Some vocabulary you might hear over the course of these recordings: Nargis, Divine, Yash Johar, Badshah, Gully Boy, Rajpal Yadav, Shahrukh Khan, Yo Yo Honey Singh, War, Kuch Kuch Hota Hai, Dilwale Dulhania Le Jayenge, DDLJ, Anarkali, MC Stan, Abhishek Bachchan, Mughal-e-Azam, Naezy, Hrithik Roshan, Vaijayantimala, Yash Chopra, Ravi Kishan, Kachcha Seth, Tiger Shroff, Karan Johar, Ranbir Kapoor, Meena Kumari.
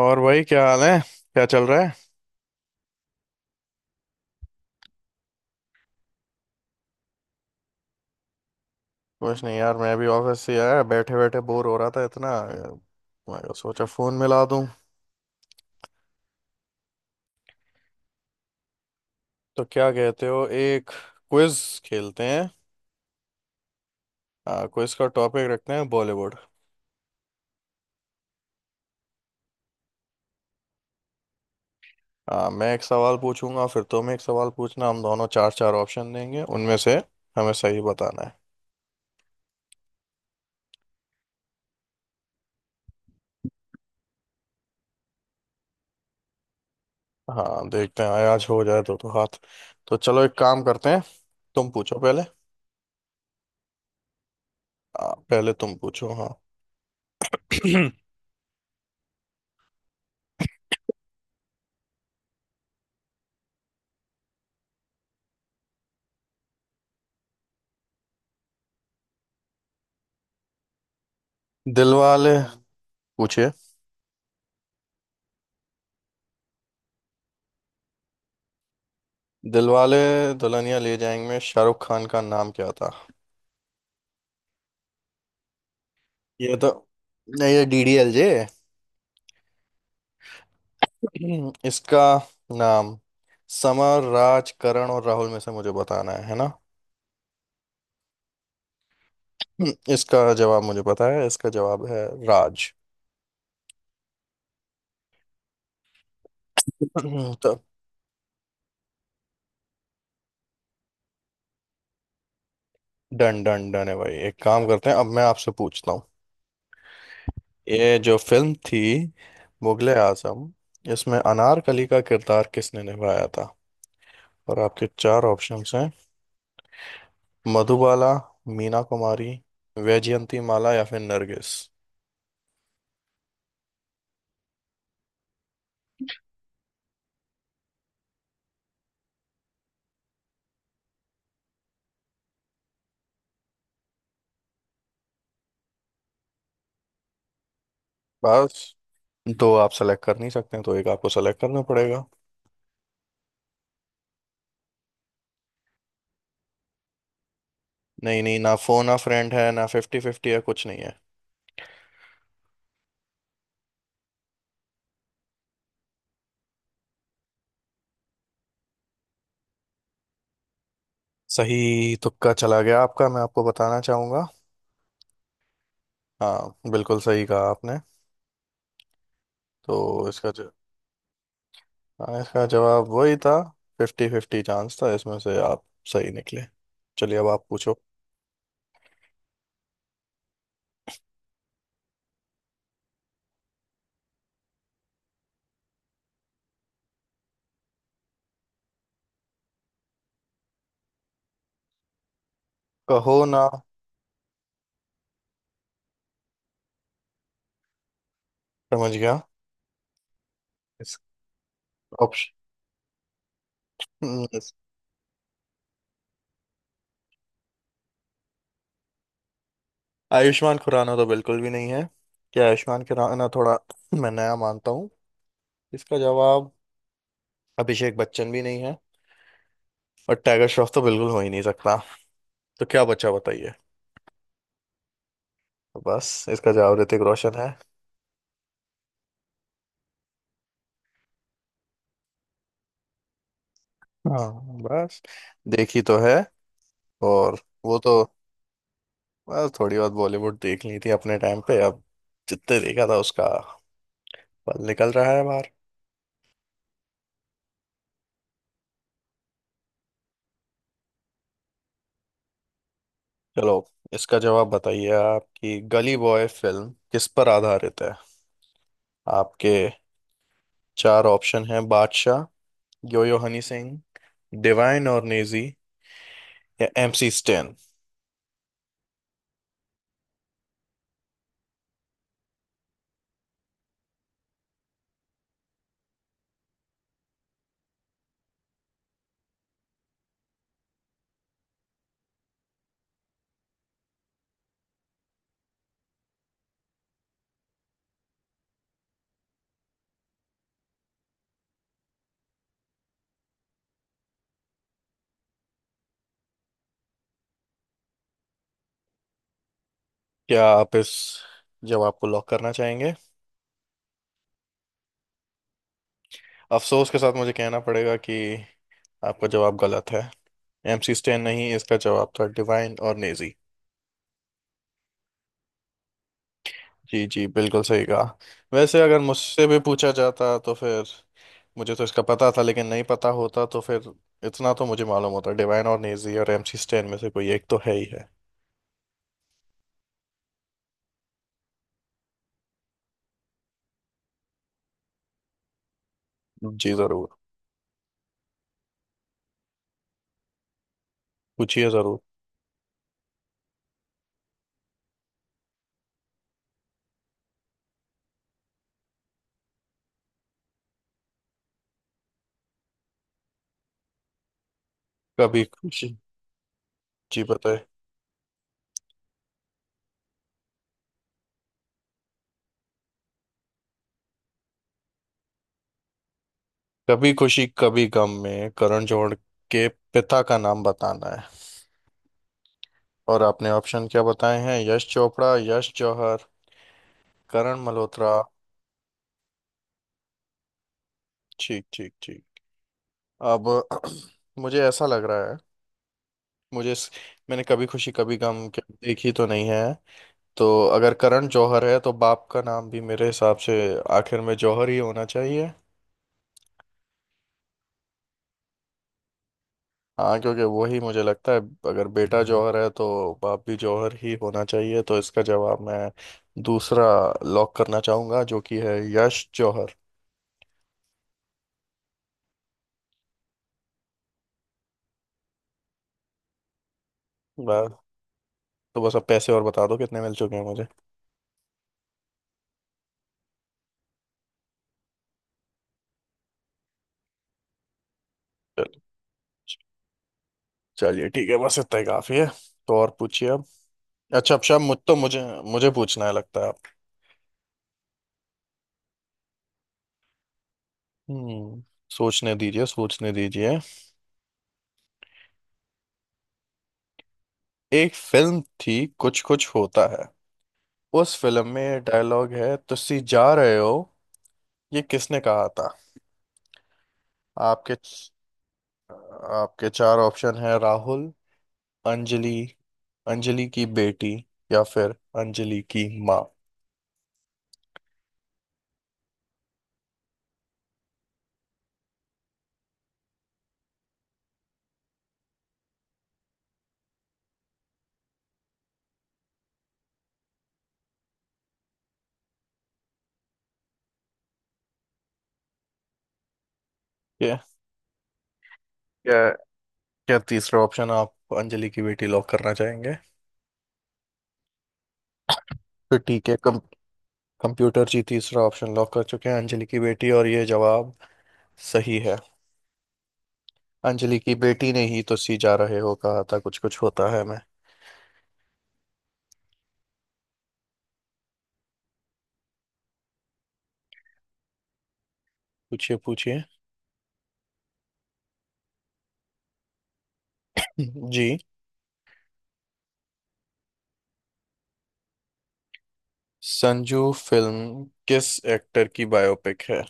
और भाई क्या हाल है। क्या चल रहा है। कुछ नहीं यार, मैं भी ऑफिस से आया, बैठे बैठे बोर हो रहा था इतना। मैं कहा, सोचा फोन मिला दूं। तो क्या कहते हो, एक क्विज खेलते हैं। क्विज का टॉपिक रखते हैं बॉलीवुड। मैं एक सवाल पूछूंगा, फिर तुम एक सवाल पूछना, हम दोनों चार चार ऑप्शन देंगे, उनमें से हमें सही बताना है। हाँ देखते हैं, आज हो जाए तो हाथ। तो चलो एक काम करते हैं, तुम पूछो पहले। पहले तुम पूछो हाँ। दिलवाले, पूछिए। दिलवाले दुल्हनिया ले जाएंगे में शाहरुख खान का नाम क्या था। ये तो नहीं, ये डीडीएलजे। इसका नाम समर, राज, करण और राहुल में से मुझे बताना है ना। इसका जवाब मुझे पता है, इसका जवाब है राज। तो डन डन डन है भाई, एक काम करते हैं, अब मैं आपसे पूछता हूँ। ये जो फिल्म थी, मुगले आजम, इसमें अनारकली का किरदार किसने निभाया था। और आपके चार ऑप्शंस हैं, मधुबाला, मीना कुमारी, वैजयंती माला या फिर नरगिस। बस दो आप सेलेक्ट कर नहीं सकते हैं, तो एक आपको सेलेक्ट करना पड़ेगा। नहीं नहीं, ना फोन, ना फ्रेंड है, ना फिफ्टी फिफ्टी है, कुछ नहीं है। सही तुक्का चला गया आपका, मैं आपको बताना चाहूंगा। हाँ बिल्कुल सही कहा आपने। तो इसका ज... हाँ, इसका जवाब वही था। फिफ्टी फिफ्टी चांस था, इसमें से आप सही निकले। चलिए अब आप पूछो। कहो ना, समझ गया। इस ऑप्शन, आयुष्मान खुराना तो बिल्कुल भी नहीं है। क्या आयुष्मान खुराना, थोड़ा मैं नया मानता हूँ इसका जवाब। अभिषेक बच्चन भी नहीं है, और टाइगर श्रॉफ तो बिल्कुल हो ही नहीं सकता। तो क्या बचा बताइए। तो बस इसका जवाब ऋतिक रोशन है। हाँ, बस देखी तो है। और वो तो बस थोड़ी बहुत बॉलीवुड देख ली थी अपने टाइम पे, अब जितने देखा था उसका पल निकल रहा है बाहर। चलो, इसका जवाब बताइए। आपकी गली बॉय फिल्म किस पर आधारित है। आपके चार ऑप्शन है, बादशाह, यो यो हनी सिंह, डिवाइन और नेजी, या एमसी स्टैन। क्या आप इस जवाब को लॉक करना चाहेंगे। अफसोस के साथ मुझे कहना पड़ेगा कि आपका जवाब गलत है। एमसी स्टैन नहीं, इसका जवाब था डिवाइन और नेजी। जी जी, बिल्कुल सही कहा। वैसे अगर मुझसे भी पूछा जाता तो फिर, मुझे तो इसका पता था, लेकिन नहीं पता होता तो फिर इतना तो मुझे मालूम होता, डिवाइन और नेजी और एमसी स्टैन में से कोई एक तो है ही है। जी जरूर, पूछिए जरूर। कभी खुशी, जी बताए। कभी खुशी कभी गम में करण जौहर के पिता का नाम बताना है। और आपने ऑप्शन क्या बताए हैं, यश चोपड़ा, यश जौहर, करण मल्होत्रा। ठीक ठीक ठीक। अब मुझे ऐसा लग रहा है, मुझे इस- मैंने कभी खुशी कभी गम के- देखी तो नहीं है, तो अगर करण जौहर है तो बाप का नाम भी मेरे हिसाब से आखिर में जौहर ही होना चाहिए। हाँ क्योंकि वही मुझे लगता है, अगर बेटा जौहर है तो बाप भी जौहर ही होना चाहिए, तो इसका जवाब मैं दूसरा लॉक करना चाहूंगा, जो कि है यश जौहर। बस, तो बस अब पैसे और बता दो कितने मिल चुके हैं मुझे। चलो, चलिए ठीक है, बस इतना ही काफी है। तो और पूछिए अब। अच्छा अब शायद मुझ तो मुझे, मुझे पूछना है लगता है आप। हम्म, सोचने दीजिए सोचने दीजिए। एक फिल्म थी, कुछ कुछ होता है, उस फिल्म में डायलॉग है तुसी जा रहे हो, ये किसने कहा था। आपके आपके चार ऑप्शन है, राहुल, अंजलि, अंजलि की बेटी, या फिर अंजलि की माँ। क्या, क्या, क्या तीसरा ऑप्शन आप अंजलि की बेटी लॉक करना चाहेंगे। तो ठीक है, कंप्यूटर जी तीसरा ऑप्शन लॉक कर चुके हैं अंजलि की बेटी, और ये जवाब सही है। अंजलि की बेटी ने ही तो सी जा रहे हो कहा था कुछ कुछ होता है मैं। पूछिए पूछिए। जी, संजू फिल्म किस एक्टर की बायोपिक है।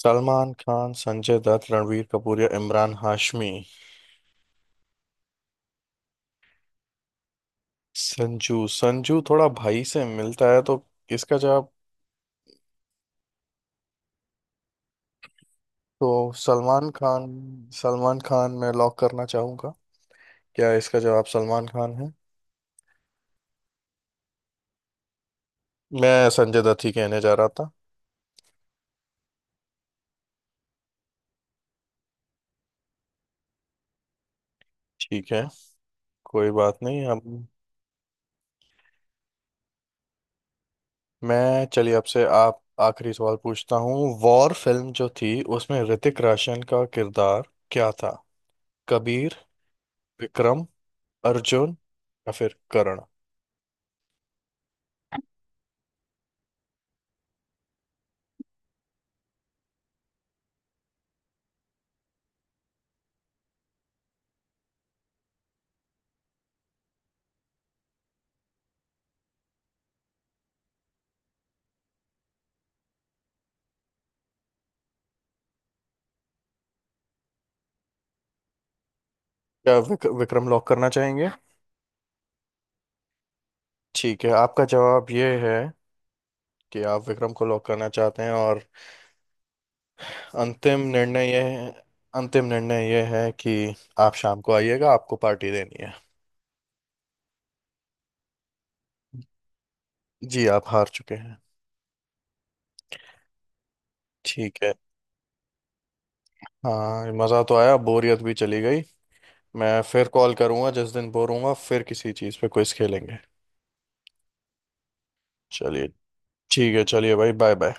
सलमान खान, संजय दत्त, रणवीर कपूर या इमरान हाशमी। संजू संजू थोड़ा भाई से मिलता है, तो इसका जवाब, तो सलमान खान, सलमान खान मैं लॉक करना चाहूंगा। क्या इसका जवाब सलमान खान है। मैं संजय दत्त ही कहने जा रहा था। ठीक है, कोई बात नहीं हम। मैं, चलिए आपसे, आप आखिरी सवाल पूछता हूँ। वॉर फिल्म जो थी उसमें ऋतिक रोशन का किरदार क्या था। कबीर, विक्रम, अर्जुन, या फिर करण। क्या विक्रम लॉक करना चाहेंगे। ठीक है, आपका जवाब ये है कि आप विक्रम को लॉक करना चाहते हैं, और अंतिम निर्णय ये है, अंतिम निर्णय ये है कि आप शाम को आइएगा, आपको पार्टी देनी है। जी आप हार चुके हैं। ठीक है। हाँ मज़ा तो आया, बोरियत भी चली गई। मैं फिर कॉल करूंगा जिस दिन बोर होऊंगा, फिर किसी चीज़ पे क्विज खेलेंगे। चलिए ठीक है, चलिए भाई बाय बाय।